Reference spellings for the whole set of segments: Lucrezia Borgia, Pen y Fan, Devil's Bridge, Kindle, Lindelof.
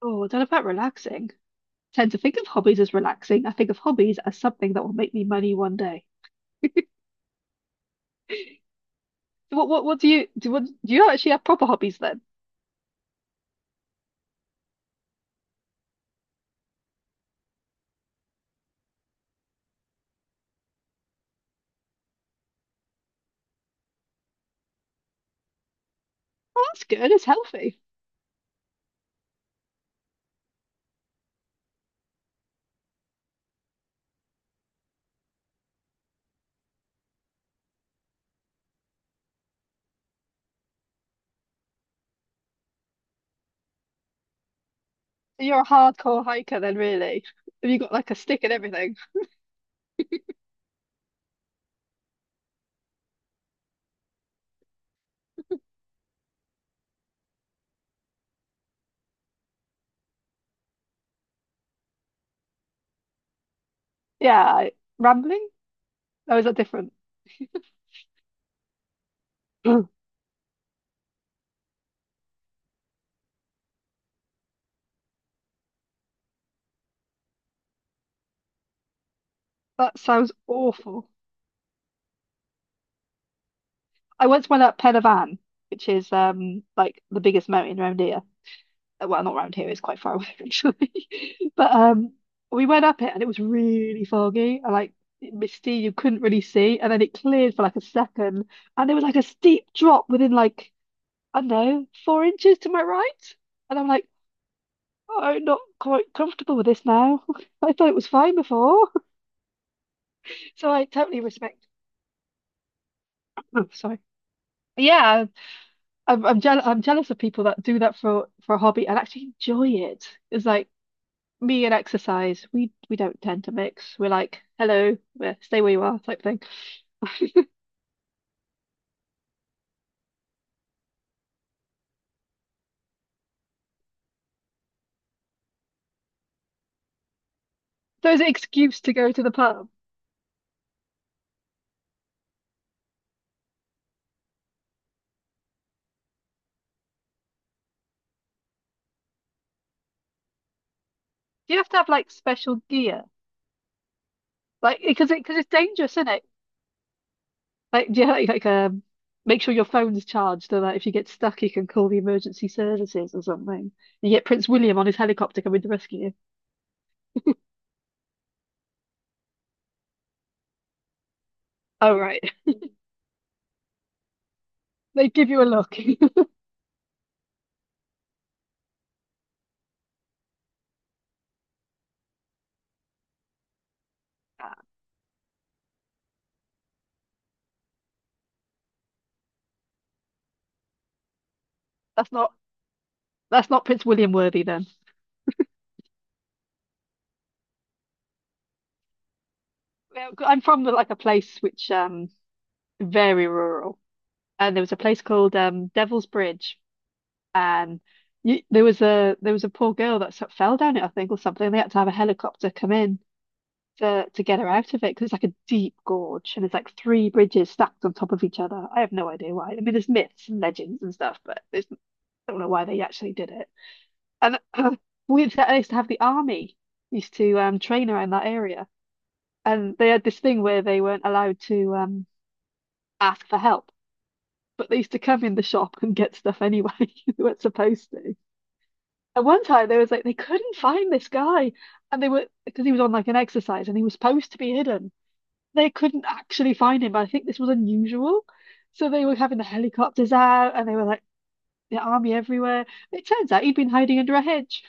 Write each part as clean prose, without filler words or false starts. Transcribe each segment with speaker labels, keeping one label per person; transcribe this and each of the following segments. Speaker 1: Oh, don't know about relaxing. Tend to think of hobbies as relaxing. I think of hobbies as something that will make me money one day. So what do you do? What, do you actually have proper hobbies then? Oh, that's good. It's healthy. So you're a hardcore hiker then, really. Have you got like a stick and everything? Yeah, rambling? Oh, is that different? That sounds awful. I once went up Pen y Fan, which is like the biggest mountain around here. Well, not around here, it's quite far away actually. But we went up it and it was really foggy and like misty, you couldn't really see. And then it cleared for like a second, and there was like a steep drop within like, I don't know, 4 inches to my right. And I'm like, oh, I'm not quite comfortable with this now. I thought it was fine before. So I totally respect. Oh, sorry. Yeah, I'm jealous. I'm jealous of people that do that for a hobby and actually enjoy it. It's like me and exercise, we don't tend to mix. We're like, hello, yeah, stay where you are type thing. So it's an excuse to go to the pub. Do you have to have like special gear? Like, because because it's dangerous, isn't it? Like, do you like, make sure your phone's charged so that if you get stuck, you can call the emergency services or something. You get Prince William on his helicopter coming to rescue you. Oh, right. They give you a look. That's not that's not Prince William worthy then. Well, I'm from like a place which very rural. And there was a place called Devil's Bridge, and you, there was a poor girl that sort of fell down it, I think, or something. They had to have a helicopter come in to get her out of it, because it's like a deep gorge, and it's like three bridges stacked on top of each other. I have no idea why. I mean, there's myths and legends and stuff, but there's, I don't know why they actually did it. And we used to have the army used to train around that area, and they had this thing where they weren't allowed to ask for help. But they used to come in the shop and get stuff anyway. They weren't supposed to. At one time, there was like they couldn't find this guy, and they were because he was on like an exercise and he was supposed to be hidden. They couldn't actually find him, but I think this was unusual. So they were having the helicopters out, and they were like the army everywhere. It turns out he'd been hiding under a hedge.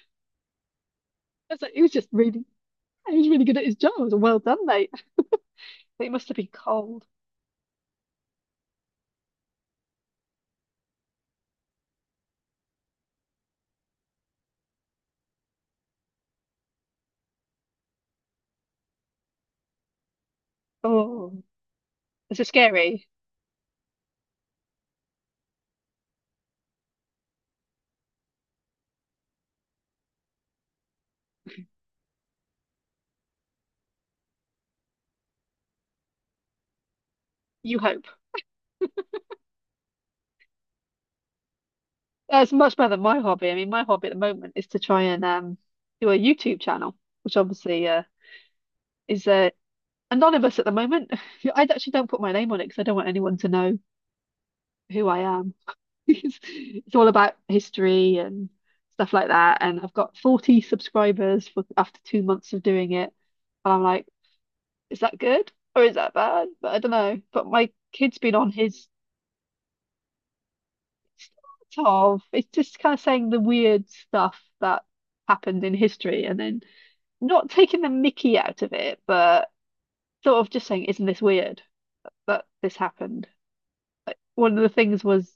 Speaker 1: I was like, he was really good at his job. I was like, well done, mate. But it must have been cold. Oh, is it scary? You hope. It's much better than my hobby. I mean, my hobby at the moment is to try and do a YouTube channel, which obviously is anonymous at the moment. I actually don't put my name on it because I don't want anyone to know who I am. It's all about history and stuff like that. And I've got 40 subscribers for after 2 months of doing it. And I'm like, is that good or is that bad? But I don't know. But my kid's been on his sort of, it's just kind of saying the weird stuff that happened in history, and then not taking the mickey out of it, but sort of just saying, isn't this weird? But this happened. One of the things was,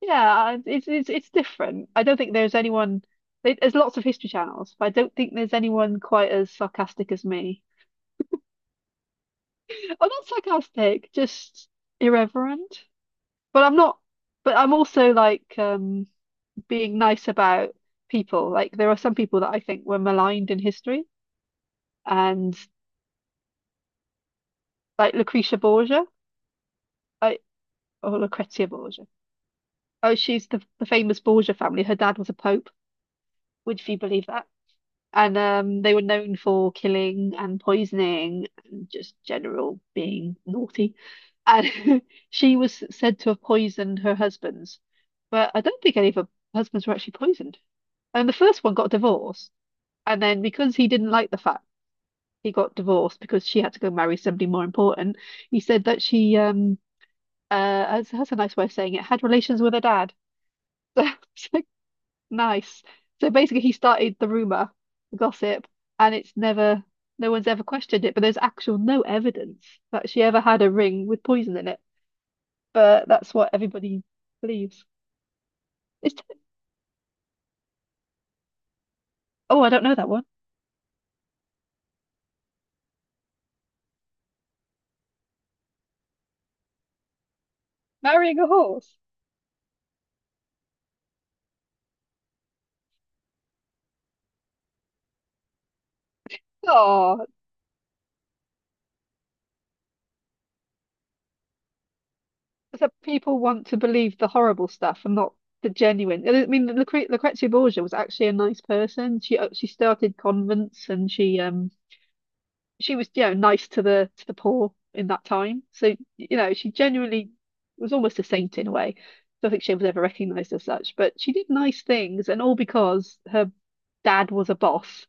Speaker 1: yeah, it's it's different. I don't think there's anyone. There's lots of history channels, but I don't think there's anyone quite as sarcastic as me. I'm not sarcastic, just irreverent. But I'm not. But I'm also like being nice about people. Like there are some people that I think were maligned in history, and like Lucretia Borgia, I or Lucrezia Borgia. Oh, she's the famous Borgia family. Her dad was a pope. Would you believe that? And they were known for killing and poisoning and just general being naughty. And she was said to have poisoned her husbands, but I don't think any of her husbands were actually poisoned. And the first one got divorced. And then because he didn't like the fact he got divorced because she had to go marry somebody more important, he said that she that's a nice way of saying it, had relations with her dad. So nice. So basically, he started the rumor, the gossip, and it's never, no one's ever questioned it, but there's actual no evidence that she ever had a ring with poison in it. But that's what everybody believes. It's, oh, I don't know that one. Marrying a horse. Oh, so people want to believe the horrible stuff and not the genuine. I mean, Lucrezia Borgia was actually a nice person. She started convents and she was, you know, nice to the poor in that time. So, you know, she genuinely was almost a saint in a way. I don't think she was ever recognized as such, but she did nice things, and all because her dad was a boss,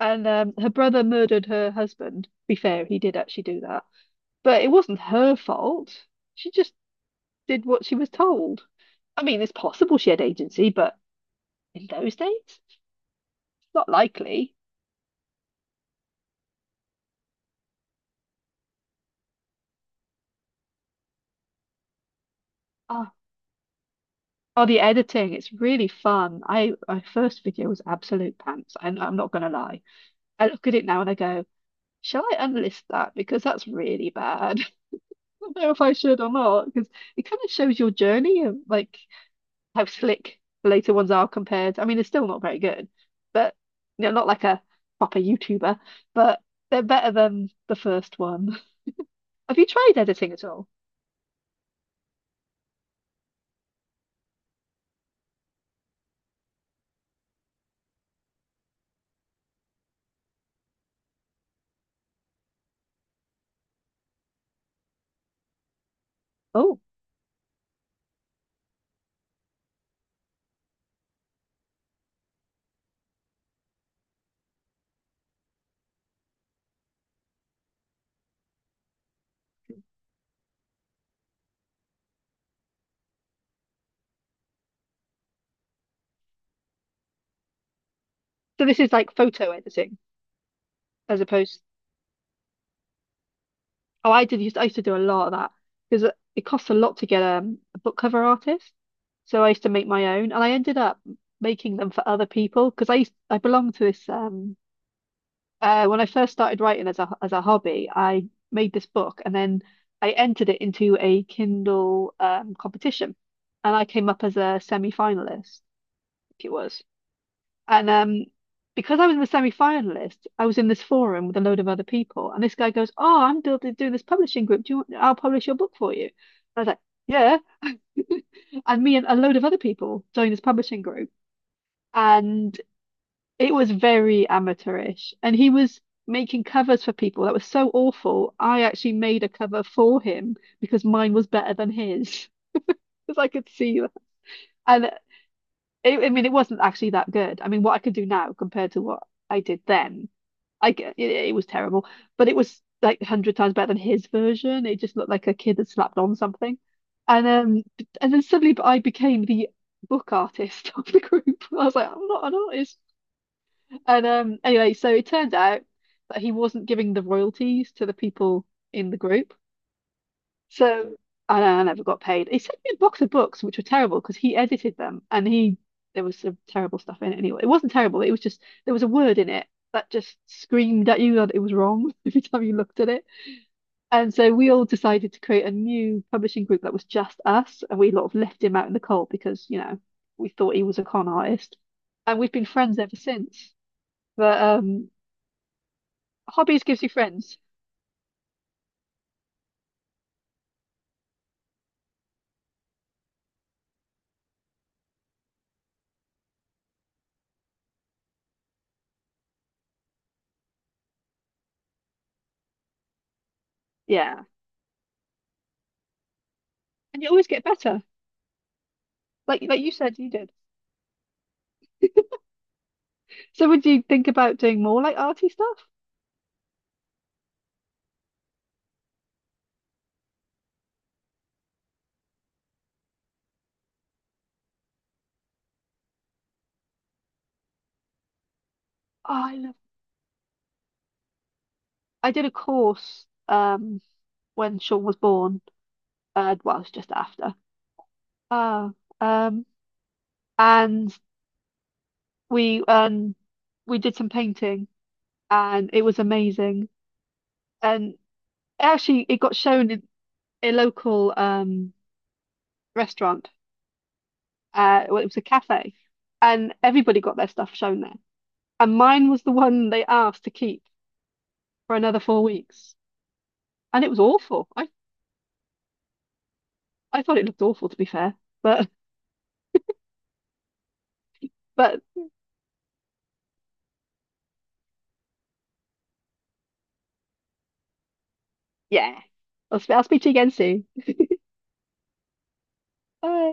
Speaker 1: and her brother murdered her husband. To be fair, he did actually do that, but it wasn't her fault. She just did what she was told. I mean, it's possible she had agency, but in those days, not likely. Oh, oh, the editing, it's really fun. I My first video was absolute pants. I'm not gonna lie. I look at it now and I go, shall I unlist that? Because that's really bad. I don't know if I should or not, because it kind of shows your journey of like how slick the later ones are compared. I mean, they're still not very good, but you know, not like a proper YouTuber, but they're better than the first one. Have you tried editing at all? Oh. So this is like photo editing as opposed. Oh, I did used I used to do a lot of that because it costs a lot to get a book cover artist. So I used to make my own, and I ended up making them for other people because I belonged to this when I first started writing as a hobby, I made this book and then I entered it into a Kindle competition, and I came up as a semi-finalist. I It was. And because I was in the semi-finalist, I was in this forum with a load of other people. And this guy goes, "Oh, I'm doing this publishing group. Do you want, I'll publish your book for you." I was like, "Yeah." And me and a load of other people joined this publishing group, and it was very amateurish. And he was making covers for people that was so awful. I actually made a cover for him because mine was better than his, because I could see that. And it, I mean, it wasn't actually that good. I mean, what I could do now compared to what I did then it, it was terrible, but it was like a hundred times better than his version. It just looked like a kid had slapped on something, and um, and then suddenly I became the book artist of the group. I was like, I'm not an artist. And anyway, so it turned out that he wasn't giving the royalties to the people in the group, so I never got paid. He sent me a box of books, which were terrible because he edited them and he there was some terrible stuff in it anyway. It wasn't terrible, it was just there was a word in it that just screamed at you that it was wrong every time you looked at it. And so we all decided to create a new publishing group that was just us, and we sort of left him out in the cold because, you know, we thought he was a con artist. And we've been friends ever since. But Hobbies gives you friends. Yeah. And you always get better. Like you said you did. So would you think about doing more like arty stuff? Oh, I love I did a course when Sean was born. Uh, well it's just after. Oh, um and we um we did some painting and it was amazing. And actually it got shown in a local restaurant. Uh, well it was a cafe and everybody got their stuff shown there. And mine was the one they asked to keep for another 4 weeks. And it was awful. I thought it looked awful to be fair. But But yeah, I'll speak to you again soon. Bye.